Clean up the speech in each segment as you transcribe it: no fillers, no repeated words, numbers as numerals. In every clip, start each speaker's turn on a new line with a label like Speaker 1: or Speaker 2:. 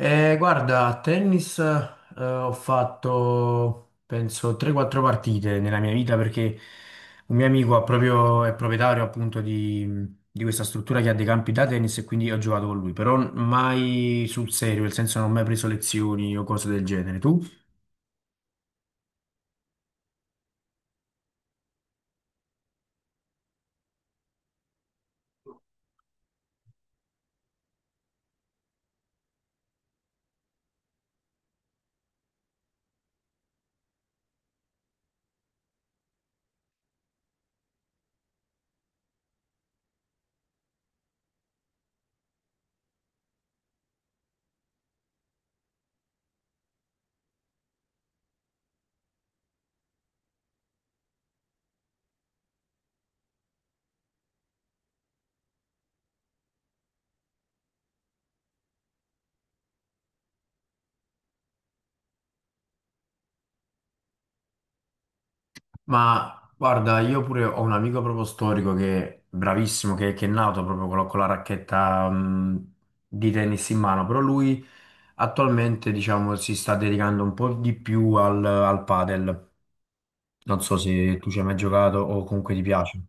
Speaker 1: Guarda, a tennis, ho fatto penso 3-4 partite nella mia vita perché un mio amico è proprietario appunto di questa struttura che ha dei campi da tennis e quindi ho giocato con lui, però mai sul serio, nel senso non ho mai preso lezioni o cose del genere. Tu? Ma guarda, io pure ho un amico proprio storico che è bravissimo, che è nato proprio con con la racchetta di tennis in mano, però lui attualmente diciamo si sta dedicando un po' di più al padel. Non so se tu ci hai mai giocato o comunque ti piace.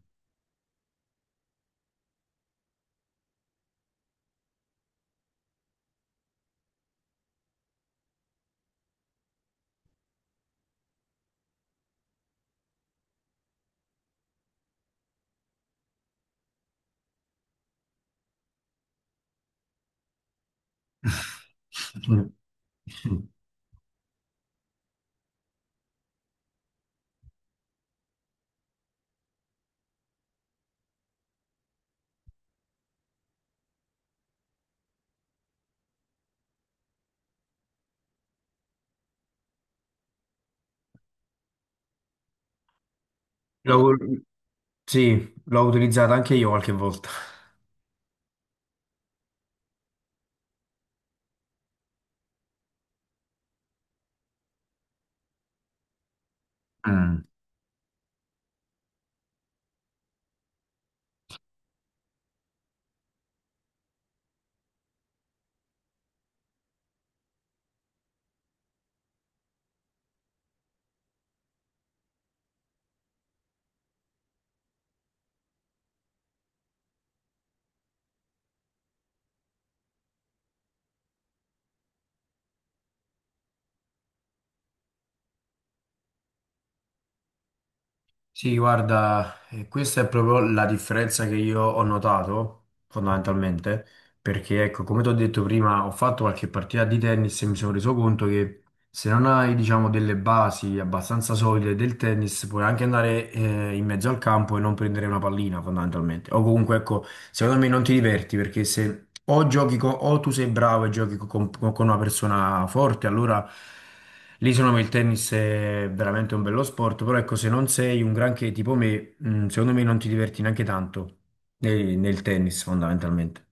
Speaker 1: Mm. L'ho- Sì, l'ho utilizzato anche io qualche volta. Sì, guarda, questa è proprio la differenza che io ho notato fondamentalmente, perché ecco, come ti ho detto prima, ho fatto qualche partita di tennis e mi sono reso conto che se non hai, diciamo, delle basi abbastanza solide del tennis, puoi anche andare in mezzo al campo e non prendere una pallina, fondamentalmente. O comunque, ecco, secondo me non ti diverti perché se o o tu sei bravo e con una persona forte, allora lì secondo me il tennis è veramente un bello sport. Però ecco, se non sei un granché tipo me, mm, secondo me non ti diverti neanche tanto nel tennis, fondamentalmente.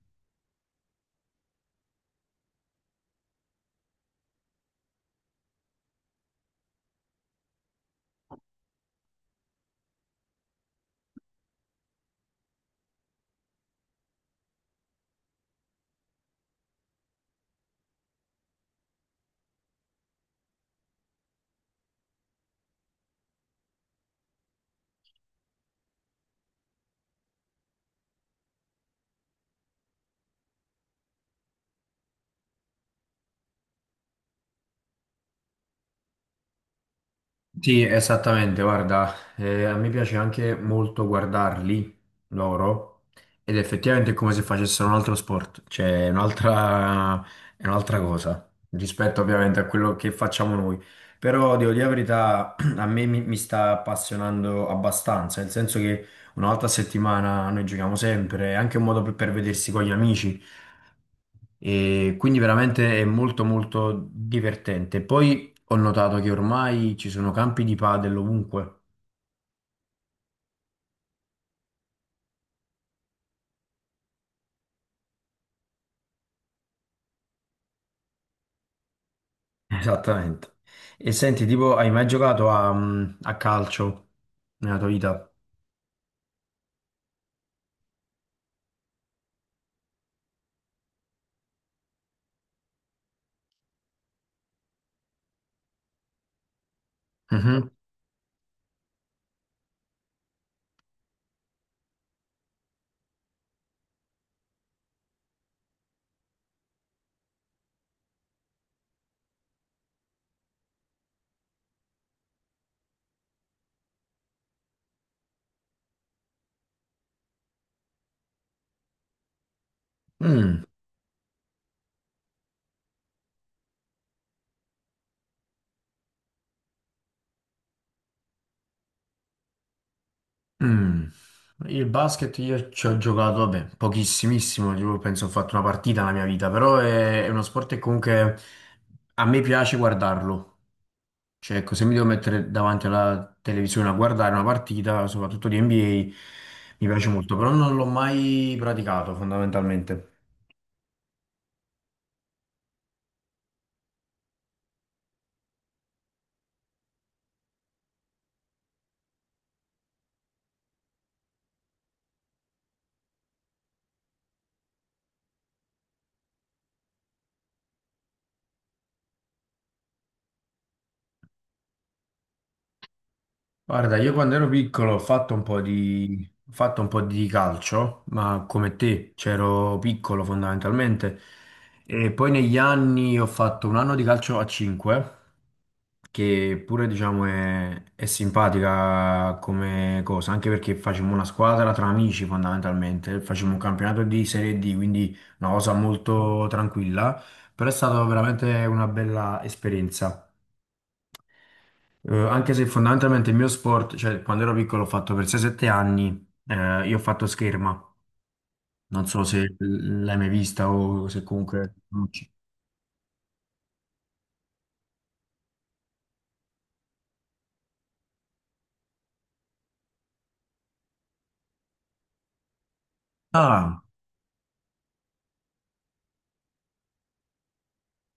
Speaker 1: Sì, esattamente, guarda, a me piace anche molto guardarli loro ed effettivamente è come se facessero un altro sport, cioè è un'altra cosa rispetto ovviamente a quello che facciamo noi, però devo dire la verità, a mi sta appassionando abbastanza, nel senso che una volta a settimana noi giochiamo sempre, è anche un modo per vedersi con gli amici. E quindi veramente è molto divertente. Poi ho notato che ormai ci sono campi di padel ovunque. Esattamente. E senti, tipo, hai mai giocato a, a calcio nella tua vita? Mhm. Mm, mm. Il basket io ci ho giocato, vabbè, pochissimissimo, tipo, penso ho fatto una partita nella mia vita, però è uno sport che comunque a me piace guardarlo. Cioè, ecco, se mi devo mettere davanti alla televisione a guardare una partita, soprattutto di NBA, mi piace molto, però non l'ho mai praticato fondamentalmente. Guarda, io quando ero piccolo ho fatto ho fatto un po' di calcio, ma come te, c'ero piccolo fondamentalmente. E poi negli anni ho fatto un anno di calcio a 5, che pure diciamo è simpatica come cosa, anche perché facevamo una squadra tra amici fondamentalmente, facevamo un campionato di Serie D, quindi una cosa molto tranquilla, però è stata veramente una bella esperienza. Anche se fondamentalmente il mio sport, cioè quando ero piccolo ho fatto per 6-7 anni, io ho fatto scherma, non so se l- l'hai mai vista o se comunque... conosci. Ah,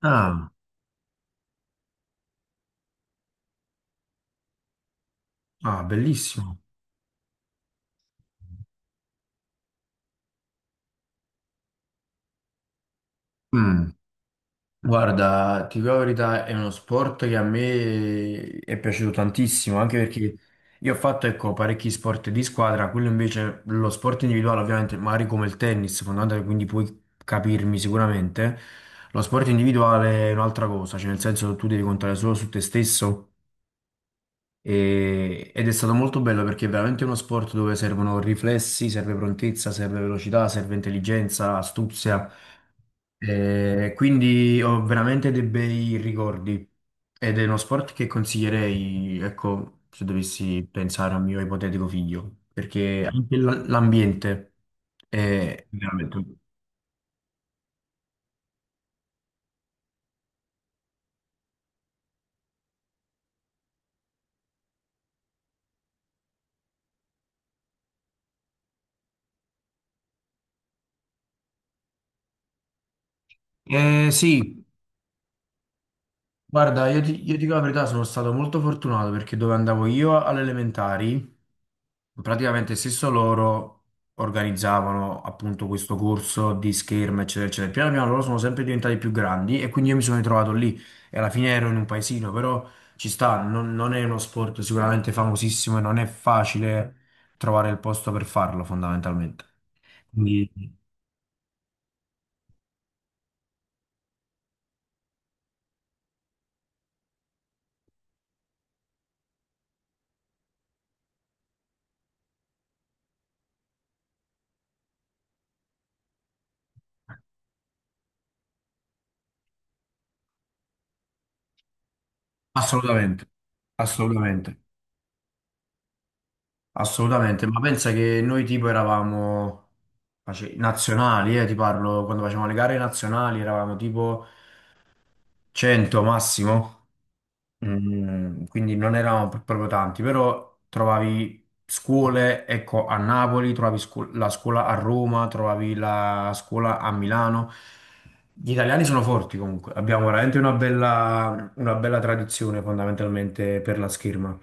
Speaker 1: ah, ah, bellissimo. Mm. Guarda, ti dico la verità, è uno sport che a me è piaciuto tantissimo, anche perché io ho fatto, ecco, parecchi sport di squadra, quello invece, lo sport individuale ovviamente, magari come il tennis, fondamentalmente, quindi puoi capirmi sicuramente, lo sport individuale è un'altra cosa, cioè nel senso tu devi contare solo su te stesso ed è stato molto bello perché è veramente uno sport dove servono riflessi, serve prontezza, serve velocità, serve intelligenza, astuzia. E quindi ho veramente dei bei ricordi ed è uno sport che consiglierei, ecco, se dovessi pensare a un mio ipotetico figlio, perché anche l'ambiente è veramente... sì. Guarda, io ti, io dico la verità, sono stato molto fortunato perché dove andavo io alle elementari, praticamente stesso loro organizzavano appunto questo corso di scherma, eccetera, eccetera. Piano piano loro sono sempre diventati più grandi e quindi io mi sono ritrovato lì e alla fine ero in un paesino, però ci sta, non è uno sport sicuramente famosissimo e non è facile trovare il posto per farlo fondamentalmente. Quindi, assolutamente, assolutamente. Assolutamente, ma pensa che noi tipo nazionali, ti parlo, quando facevamo le gare nazionali eravamo tipo 100 massimo. Mm, quindi non eravamo proprio tanti, però trovavi scuole, ecco, a Napoli, trovavi la scuola a Roma, trovavi la scuola a Milano. Gli italiani sono forti comunque, abbiamo veramente una bella tradizione fondamentalmente per la scherma.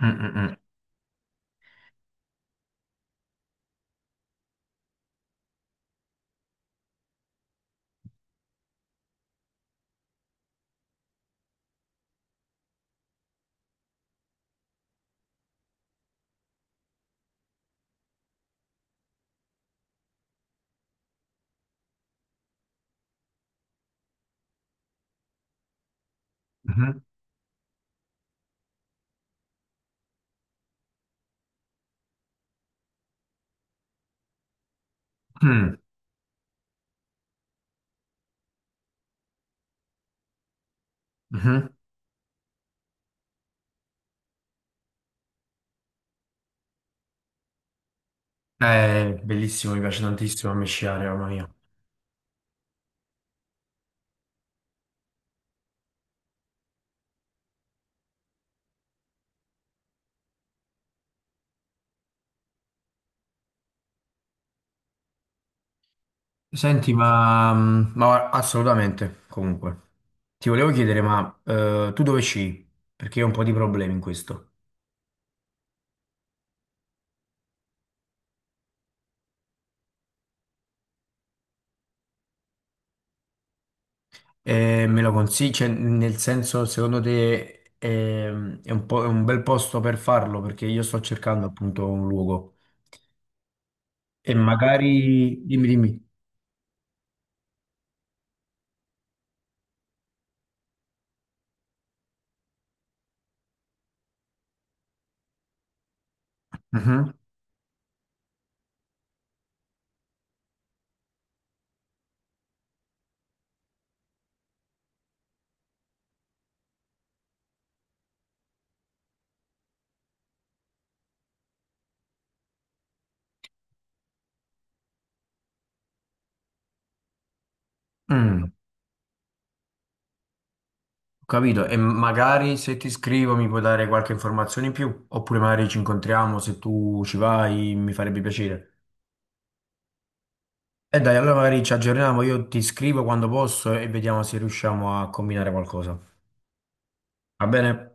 Speaker 1: Mm, mm, mm. Mhm. Mm. Mhm. Bellissimo, mi piace tantissimo a me sciare, mamma mia. Senti, ma, ma assolutamente, comunque. Ti volevo chiedere, ma tu dove sci? Perché io ho un po' di problemi in questo. E me lo consigli? Cioè, nel senso, secondo te è, un po', è un bel posto per farlo? Perché io sto cercando appunto un luogo. E magari... Dimmi, dimmi. Mhm. Mm. Capito? E magari se ti scrivo mi puoi dare qualche informazione in più, oppure magari ci incontriamo, se tu ci vai mi farebbe piacere. E dai, allora magari ci aggiorniamo, io ti scrivo quando posso e vediamo se riusciamo a combinare qualcosa. Va bene?